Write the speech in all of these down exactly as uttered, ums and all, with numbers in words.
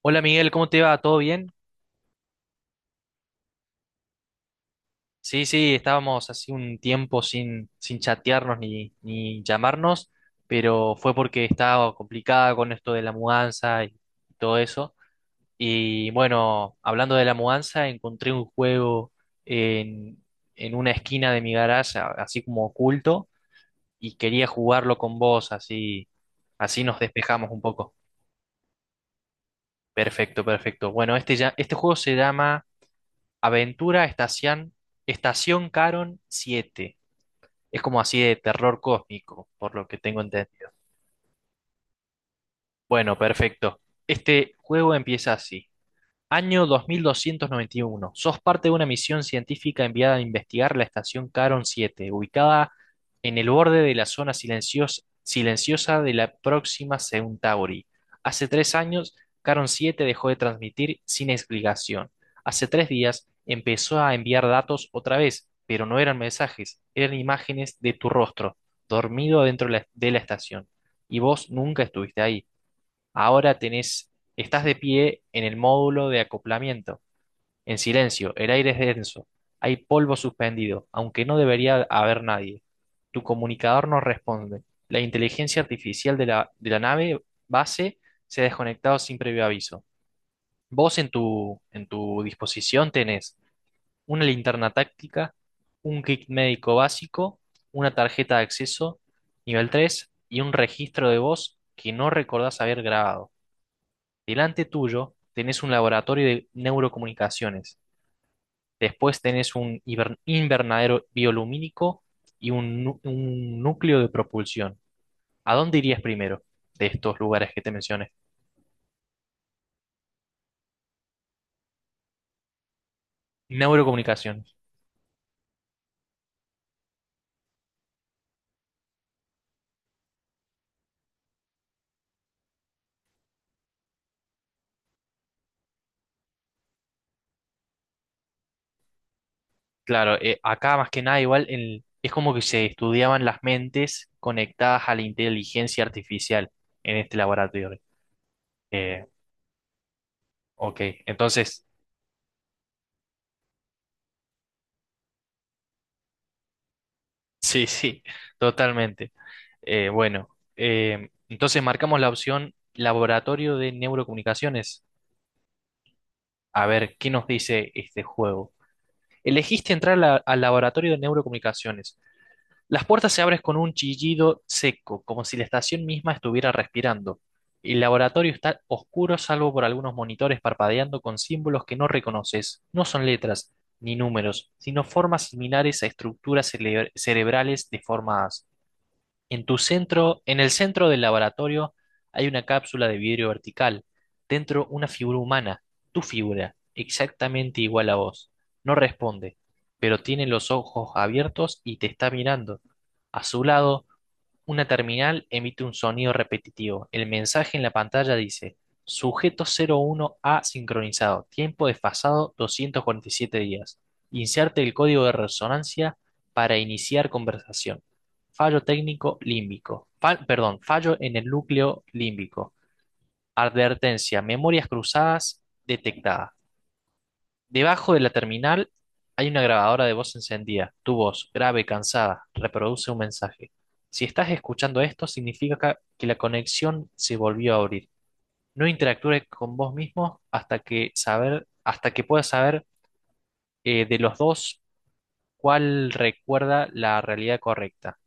Hola Miguel, ¿cómo te va? ¿Todo bien? Sí, sí, estábamos hace un tiempo sin, sin chatearnos ni, ni llamarnos, pero fue porque estaba complicada con esto de la mudanza y todo eso. Y bueno, hablando de la mudanza, encontré un juego en, en una esquina de mi garaje, a- así como oculto, y quería jugarlo con vos, así, así nos despejamos un poco. Perfecto, perfecto. Bueno, este, ya, este juego se llama... Aventura Estación, Estación Caron siete. Es como así de terror cósmico, por lo que tengo entendido. Bueno, perfecto. Este juego empieza así. Año dos mil doscientos noventa y uno. Sos parte de una misión científica enviada a investigar la estación Caron siete, ubicada en el borde de la zona silencios- silenciosa de la próxima Centauri. Hace tres años, Caron siete dejó de transmitir sin explicación. Hace tres días empezó a enviar datos otra vez, pero no eran mensajes, eran imágenes de tu rostro, dormido dentro de la de la estación. Y vos nunca estuviste ahí. Ahora tenés, estás de pie en el módulo de acoplamiento, en silencio, el aire es denso, hay polvo suspendido, aunque no debería haber nadie. Tu comunicador no responde. La inteligencia artificial de la, de la nave base se ha desconectado sin previo aviso. Vos en tu, en tu disposición tenés una linterna táctica, un kit médico básico, una tarjeta de acceso nivel tres y un registro de voz que no recordás haber grabado. Delante tuyo tenés un laboratorio de neurocomunicaciones. Después tenés un hiber- invernadero biolumínico y un, nu- un núcleo de propulsión. ¿A dónde irías primero de estos lugares que te mencioné? Neurocomunicaciones. Claro, eh, acá más que nada igual el- es como que se estudiaban las mentes conectadas a la inteligencia artificial en este laboratorio. Eh, ok, entonces, sí, sí, totalmente. Eh, bueno, eh, entonces marcamos la opción Laboratorio de Neurocomunicaciones. A ver, ¿qué nos dice este juego? Elegiste entrar a la- al Laboratorio de Neurocomunicaciones. Las puertas se abren con un chillido seco, como si la estación misma estuviera respirando. El laboratorio está oscuro salvo por algunos monitores parpadeando con símbolos que no reconoces. No son letras ni números, sino formas similares a estructuras cele- cerebrales deformadas. En tu centro, en el centro del laboratorio hay una cápsula de vidrio vertical. Dentro una figura humana, tu figura, exactamente igual a vos. No responde, pero tiene los ojos abiertos y te está mirando. A su lado una terminal emite un sonido repetitivo. El mensaje en la pantalla dice: Sujeto cero uno A sincronizado. Tiempo desfasado doscientos cuarenta y siete días. Inserte el código de resonancia para iniciar conversación. Fallo técnico límbico. Fal- perdón, fallo en el núcleo límbico. Advertencia: memorias cruzadas detectadas. Debajo de la terminal hay una grabadora de voz encendida. Tu voz, grave, y cansada, reproduce un mensaje. Si estás escuchando esto, significa ca- que la conexión se volvió a abrir. No interactúes con vos mismo hasta que saber, hasta que puedas saber eh, de los dos cuál recuerda la realidad correcta.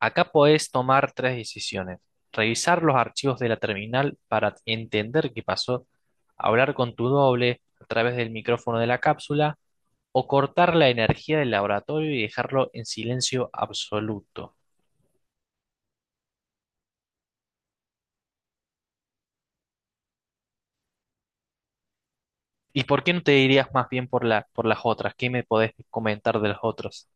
Acá podés tomar tres decisiones. Revisar los archivos de la terminal para entender qué pasó, hablar con tu doble a través del micrófono de la cápsula, o cortar la energía del laboratorio y dejarlo en silencio absoluto. ¿Y por qué no te dirías más bien por la, por las otras? ¿Qué me podés comentar de las otras?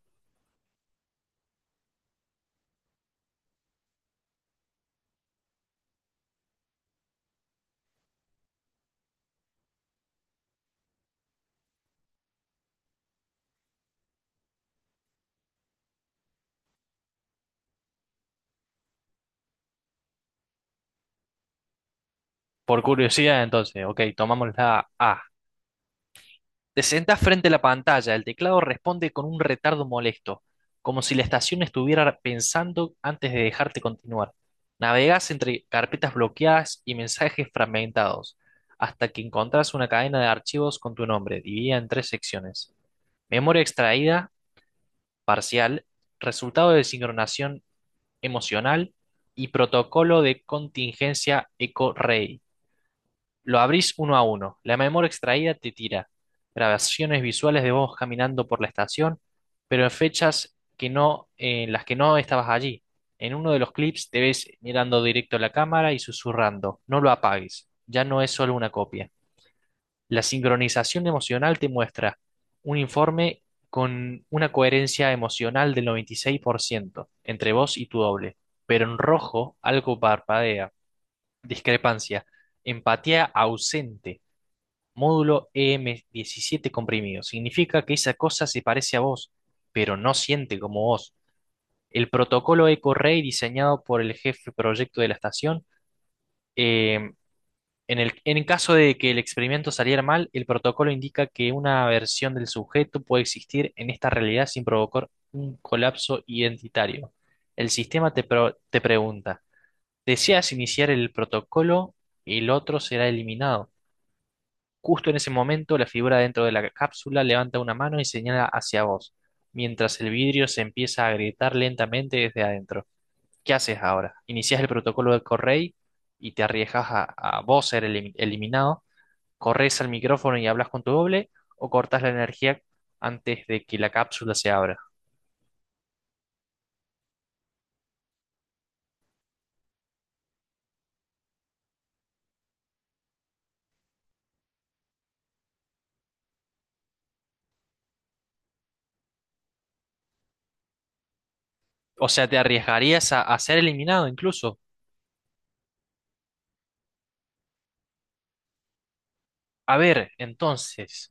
Por curiosidad, entonces, ok, tomamos la A. Te sentás frente a la pantalla, el teclado responde con un retardo molesto, como si la estación estuviera pensando antes de dejarte continuar. Navegas entre carpetas bloqueadas y mensajes fragmentados, hasta que encontrás una cadena de archivos con tu nombre, dividida en tres secciones. Memoria extraída, parcial, resultado de sincronización emocional y protocolo de contingencia ECO-REI. Lo abrís uno a uno. La memoria extraída te tira grabaciones visuales de vos caminando por la estación, pero en fechas que no, en las que no estabas allí. En uno de los clips te ves mirando directo a la cámara y susurrando, no lo apagues, ya no es solo una copia. La sincronización emocional te muestra un informe con una coherencia emocional del noventa y seis por ciento entre vos y tu doble, pero en rojo algo parpadea. Discrepancia. Empatía ausente. Módulo E m diecisiete comprimido. Significa que esa cosa se parece a vos, pero no siente como vos. El protocolo EcoRay diseñado por el jefe proyecto de la estación eh, en el, en caso de que el experimento saliera mal, el protocolo indica que una versión del sujeto puede existir en esta realidad sin provocar un colapso identitario. El sistema te, pro- te pregunta, ¿deseas iniciar el protocolo? El otro será eliminado. Justo en ese momento, la figura dentro de la cápsula levanta una mano y señala hacia vos, mientras el vidrio se empieza a agrietar lentamente desde adentro. ¿Qué haces ahora? ¿Inicias el protocolo de Correy y te arriesgas a, a vos ser elim- eliminado? ¿Corres al micrófono y hablas con tu doble o cortas la energía antes de que la cápsula se abra? O sea, te arriesgarías a, a ser eliminado incluso. A ver, entonces,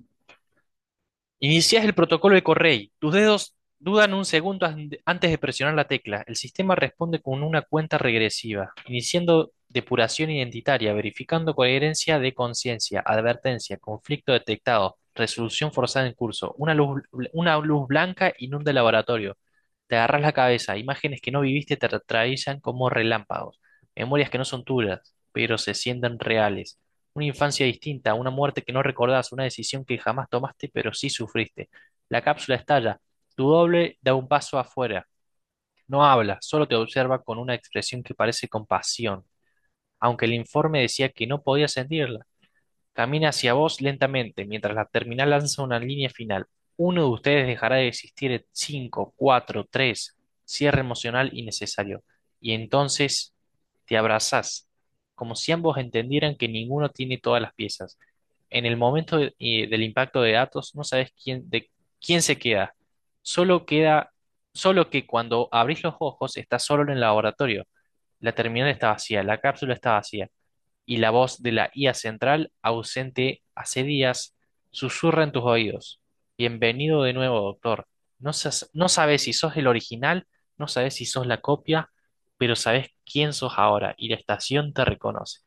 inicias el protocolo de Correy. Tus dedos dudan un segundo an- antes de presionar la tecla. El sistema responde con una cuenta regresiva, iniciando depuración identitaria, verificando coherencia de conciencia, advertencia, conflicto detectado, resolución forzada en curso. Una luz, bl- una luz blanca inunda el laboratorio. Te agarras la cabeza. Imágenes que no viviste te atraviesan como relámpagos. Memorias que no son tuyas, pero se sienten reales. Una infancia distinta, una muerte que no recordás, una decisión que jamás tomaste, pero sí sufriste. La cápsula estalla. Tu doble da un paso afuera. No habla, solo te observa con una expresión que parece compasión, aunque el informe decía que no podía sentirla. Camina hacia vos lentamente, mientras la terminal lanza una línea final. Uno de ustedes dejará de existir en cinco, cuatro, tres. Cierre emocional innecesario. Y entonces te abrazás, como si ambos entendieran que ninguno tiene todas las piezas. En el momento de- eh, del impacto de datos no sabes quién, de quién se queda. Solo queda, Solo que cuando abrís los ojos estás solo en el laboratorio. La terminal está vacía, la cápsula está vacía y la voz de la I A central, ausente hace días, susurra en tus oídos. Bienvenido de nuevo, doctor. No, sas- no sabes si sos el original, no sabes si sos la copia, pero sabes quién sos ahora y la estación te reconoce.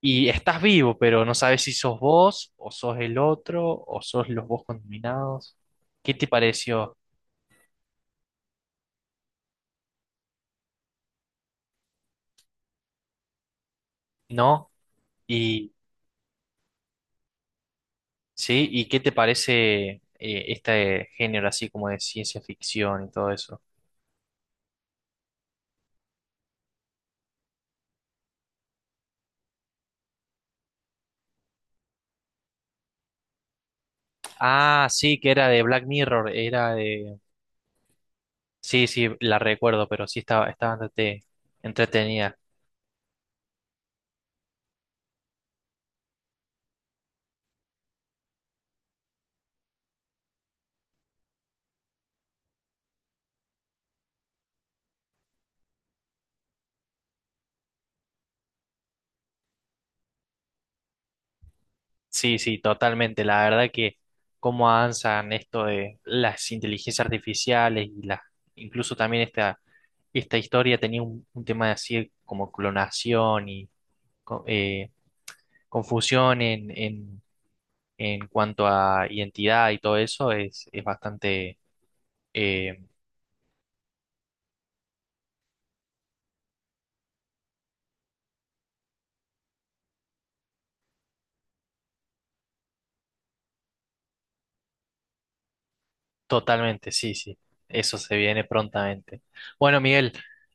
Y estás vivo, pero no sabes si sos vos, o sos el otro, o sos los vos contaminados. ¿Qué te pareció? ¿No? Y sí, ¿y qué te parece eh, este género así como de ciencia ficción y todo eso? Ah, sí, que era de Black Mirror, era de... Sí, sí, la recuerdo, pero sí estaba, estaba bastante entretenida. Sí, sí, totalmente. La verdad que cómo avanzan esto de las inteligencias artificiales y la incluso también esta, esta historia tenía un, un tema así como clonación y co- eh, confusión en, en, en cuanto a identidad y todo eso es, es bastante eh, Totalmente, sí, sí. Eso se viene prontamente. Bueno, Miguel,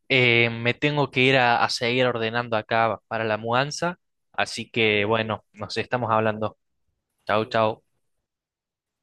eh, me tengo que ir a, a seguir ordenando acá para la mudanza, así que bueno, nos estamos hablando. Chau, chau.